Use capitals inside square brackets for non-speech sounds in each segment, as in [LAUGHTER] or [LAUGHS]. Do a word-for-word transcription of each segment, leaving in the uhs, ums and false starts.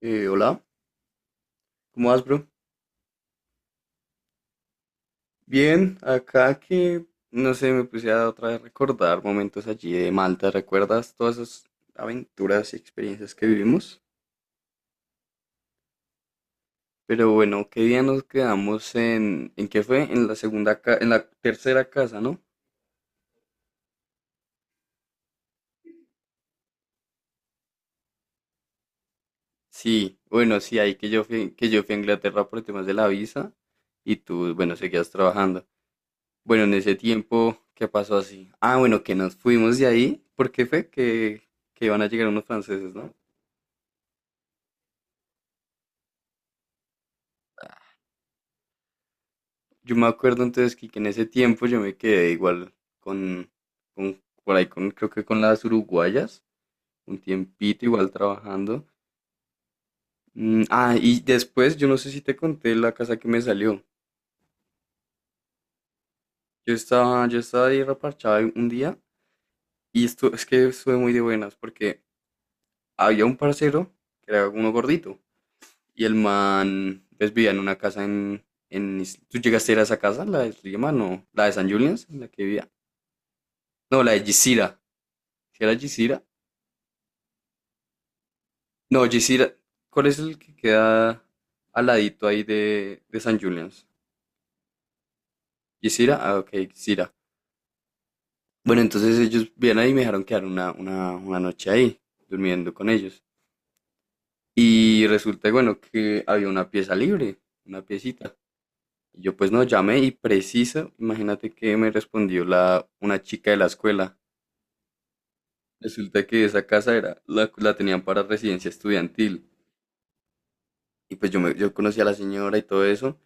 Eh, hola, ¿cómo vas, bro? Bien, acá que, no sé, me puse a otra vez recordar momentos allí de Malta, ¿recuerdas todas esas aventuras y experiencias que vivimos? Pero bueno, ¿qué día nos quedamos en, en qué fue? En la segunda, ca- en la tercera casa, ¿no? Sí, bueno, sí, ahí que yo fui, que yo fui a Inglaterra por temas de la visa. Y tú, bueno, seguías trabajando. Bueno, en ese tiempo, ¿qué pasó así? Ah, bueno, que nos fuimos de ahí, porque fue que, que iban a llegar unos franceses, ¿no? Yo me acuerdo entonces que, que en ese tiempo yo me quedé igual con, con por ahí con, creo que con las uruguayas, un tiempito igual trabajando. Mm, ah, y después yo no sé si te conté la casa que me salió. Yo estaba, yo estaba ahí reparchado un día, y esto es que estuve muy de buenas porque había un parcero que era uno gordito, y el man pues vivía en una casa en, en Is- ¿Tú llegaste a ir a esa casa? ¿La de Islima? No, la de San Julián, la que vivía. No, la de Gisira. ¿Si era Gisira? No, Gisira, ¿cuál es el que queda al ladito ahí de, de San Julian's? Gisira, ah, ok, Gisira. Bueno, entonces ellos vienen ahí y me dejaron quedar una, una, una noche ahí, durmiendo con ellos. Y resulta, bueno, que había una pieza libre, una piecita. Y yo pues no, llamé y preciso, imagínate que me respondió la, una chica de la escuela. Resulta que esa casa era, la, la tenían para residencia estudiantil. Y pues yo, me, yo conocí a la señora y todo eso.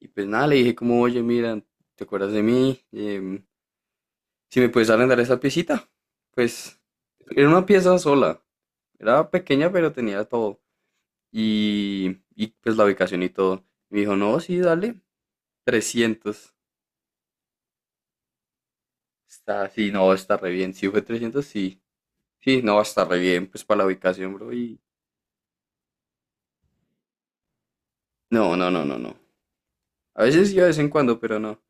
Y pues nada, le dije como, oye, mira, ¿te acuerdas de mí? Em, si me puedes arrendar esa piecita. Pues era una pieza sola. Era pequeña, pero tenía todo. Y, y pues la ubicación y todo. Y me dijo, no, sí, dale. Trescientos. Está, sí, no, está re bien. Si fue trescientos, sí. Sí, no, está re bien, pues para la ubicación, bro. Y... No, no, no, no, no. A veces sí, a vez en cuando, pero no.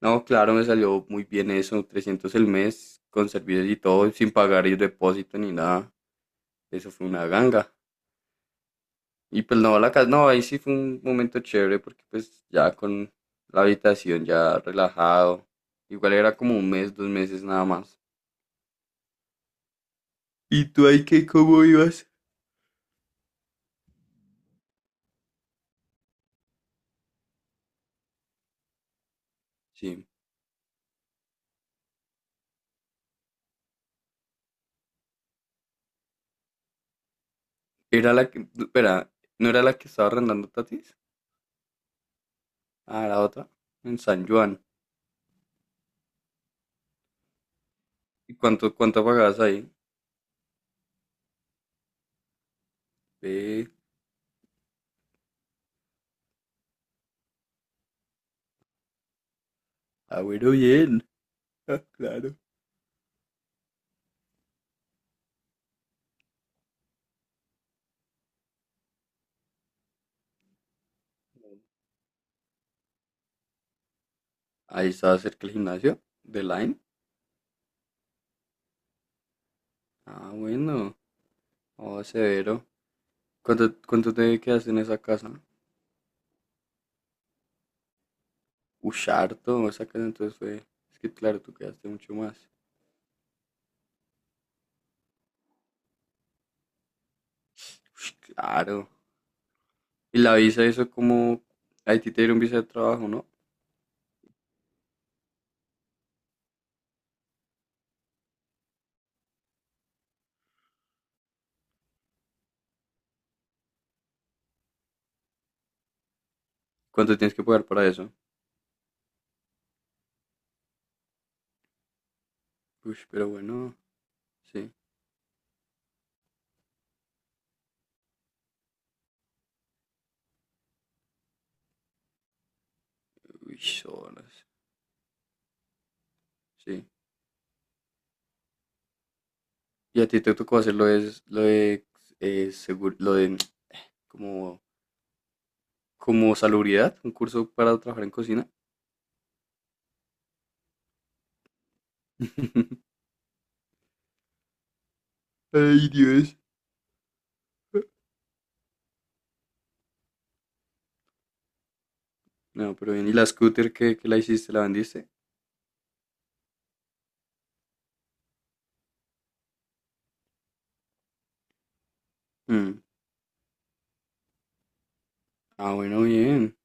No, claro, me salió muy bien eso, trescientos el mes, con servicios y todo, sin pagar el depósito ni nada. Eso fue una ganga. Y pues no, la casa, no, ahí sí fue un momento chévere porque pues ya con la habitación ya relajado. Igual era como un mes, dos meses nada más. ¿Y tú ahí qué, cómo ibas? Sí. Era la que, espera, ¿no era la que estaba arrendando Tatis? Ah, la otra, en San Juan. ¿Y cuánto, cuánto pagabas ahí? Ve. Ah, bueno, bien. [LAUGHS] Ah, claro. Ahí estaba cerca el gimnasio de Line. Ah, bueno. Oh, severo. ¿Cuánto, cuánto te quedaste en esa casa? Ush, harto. Esa casa entonces fue. Es que claro, tú quedaste mucho más. Ush, claro. Y la visa, eso como. A ti te dieron visa de trabajo, ¿no? ¿Cuánto tienes que pagar para eso? Ush, pero bueno. Sí. Ush, horas. Sí. Y a ti te tocó hacer lo de. Lo de. Eh, seguro, lo de. Como. Como salubridad. Un curso para trabajar en cocina. [LAUGHS] Ay, Dios. No, pero bien. ¿Y la scooter que la hiciste? ¿La vendiste? Mm. Ah, bueno, bien.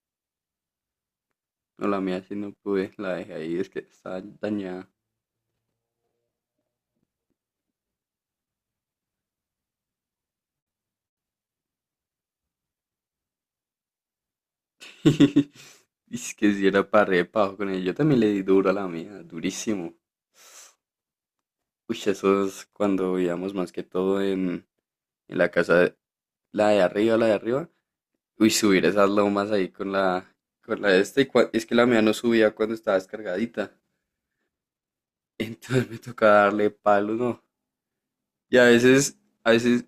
No, la mía sí no pude. La dejé ahí. Es que estaba dañada. [LAUGHS] Es que si era para re pajo con ella. Yo también le di duro a la mía. Durísimo. Uy, eso es cuando vivíamos más que todo en, en la casa, de- la de arriba, la de arriba. Uy, subir esas lomas ahí con la... Con la de este. Y cua- es que la mía no subía cuando estaba descargadita. Entonces me tocaba darle palo, ¿no? Y a veces... A veces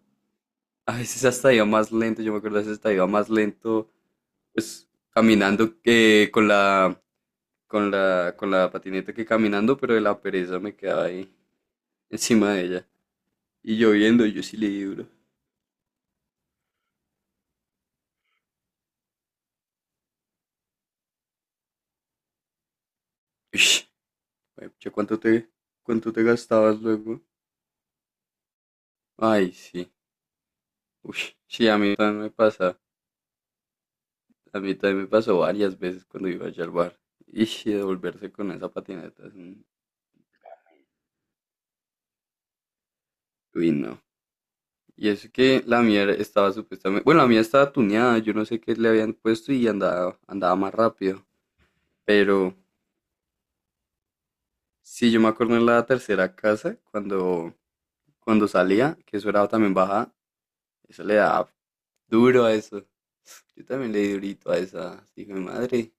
A veces hasta iba más lento, yo me acuerdo, a veces hasta iba más lento, pues caminando, eh, con la, con la, con la patineta, que caminando, pero de la pereza me quedaba ahí [LAUGHS] encima de ella. Y lloviendo, yo sí le di duro. [LAUGHS] Ush, pucha, ¿cuánto te, cuánto te gastabas luego? Ay, sí. Uy, sí, a mí también me pasa. A mí también me pasó varias veces cuando iba allá al bar. Y devolverse con esa patineta es un... Uy, no. Y es que la mía estaba supuestamente, bueno, la mía estaba tuneada, yo no sé qué le habían puesto y andaba, andaba más rápido. Pero sí, yo me acuerdo en la tercera casa, cuando, cuando salía, que eso era también baja, eso le daba duro a eso. Yo también le di durito a esa, hijo de madre.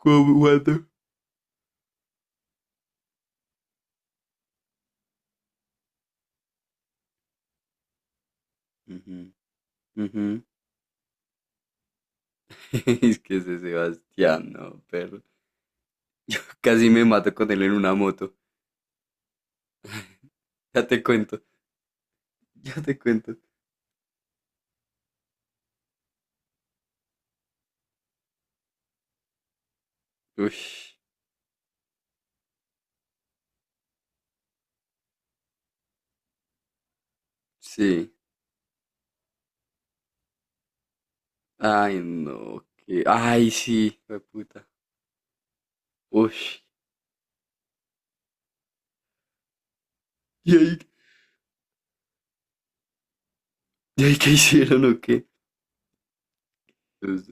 ¿Cómo, guato? Ujú, ujú. [LAUGHS] Es que ese Sebastián, no, perro. Yo casi me mato con él en una moto. Ya te cuento, ya te cuento. Uy, sí. Ay, no, que... Ay, sí, fue puta. Uy, ¿y ahí, y ahí qué hicieron o qué? Pues...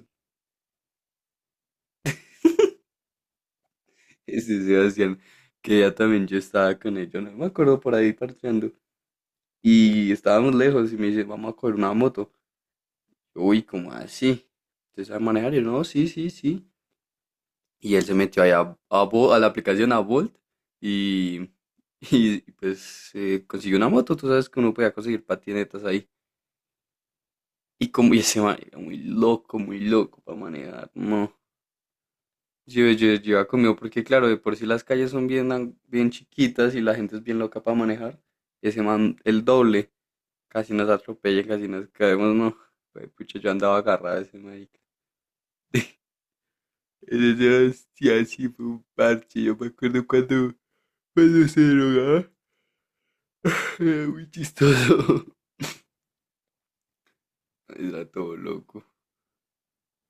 Este Sebastián, que ya también yo estaba con él, yo no me acuerdo por ahí parcheando. Y estábamos lejos y me dice, vamos a coger una moto. Uy, ¿cómo así? ¿Usted sabe manejar? Y yo, no, sí, sí, sí. Y él se metió ahí a, a Bo- a la aplicación a Bolt, y, y pues eh, consiguió una moto. Tú sabes que uno podía conseguir patinetas ahí. Y como y ese man era muy loco, muy loco para manejar. No. Yo, yo, yo iba conmigo porque claro, de por sí las calles son bien, an- bien chiquitas y la gente es bien loca para manejar. Ese man, el doble, casi nos atropella, casi nos caemos, no. Fue, pucha, yo andaba agarrado a ese marica. [LAUGHS] Ese Sebastián sí fue un parche, yo me acuerdo cuando, cuando se drogaba. [LAUGHS] Era muy chistoso. [LAUGHS] Era todo loco.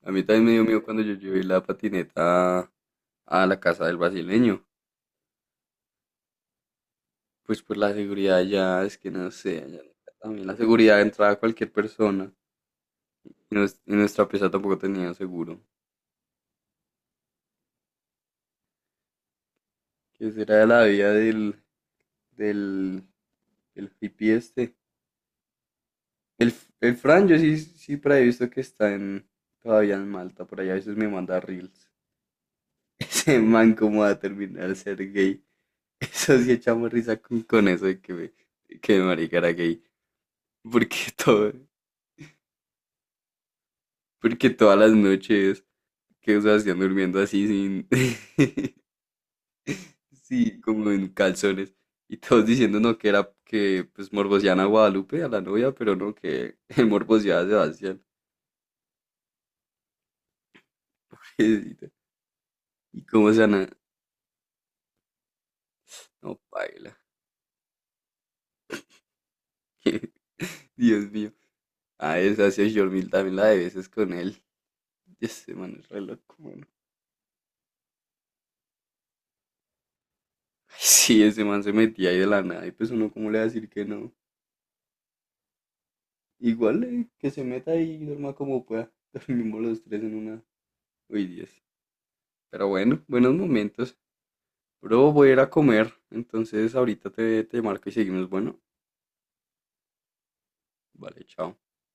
A mí también me dio miedo cuando yo llevé la patineta a la casa del brasileño. Pues por la seguridad ya, es que no sé, allá también la seguridad entraba a cualquier persona. Y, nues- y nuestra pieza tampoco tenía seguro. ¿Qué será de la vida del, del, del hippie este? El, el Fran, yo sí, sí por ahí he visto que está en, todavía en Malta, por allá a veces me manda reels. [LAUGHS] Ese man cómo va a terminar ser gay. [LAUGHS] Eso sí echamos risa con, con eso de que, me- que el marica era gay. Porque todo, Porque todas las noches que se hacían durmiendo así sin... [LAUGHS] Sí, como en calzones. Y todos diciendo no que era que pues morbosean a Guadalupe, a la novia, pero no que [LAUGHS] morboseaba a Sebastián. [LAUGHS] Y cómo se han... No, baila. [LAUGHS] Dios mío. Ah, esa sí, Jormil también la de veces con él. [LAUGHS] Y ese man es re loco, mano. [LAUGHS] Ay, sí, ese man se metía ahí de la nada. Y pues uno, ¿cómo le va a decir que no? Igual eh, que se meta ahí y duerma como pueda. [LAUGHS] Dormimos los tres en una. Uy, Dios. Pero bueno, buenos momentos. Bro, voy a ir a comer. Entonces ahorita te, te marco y seguimos. Bueno, vale, chao.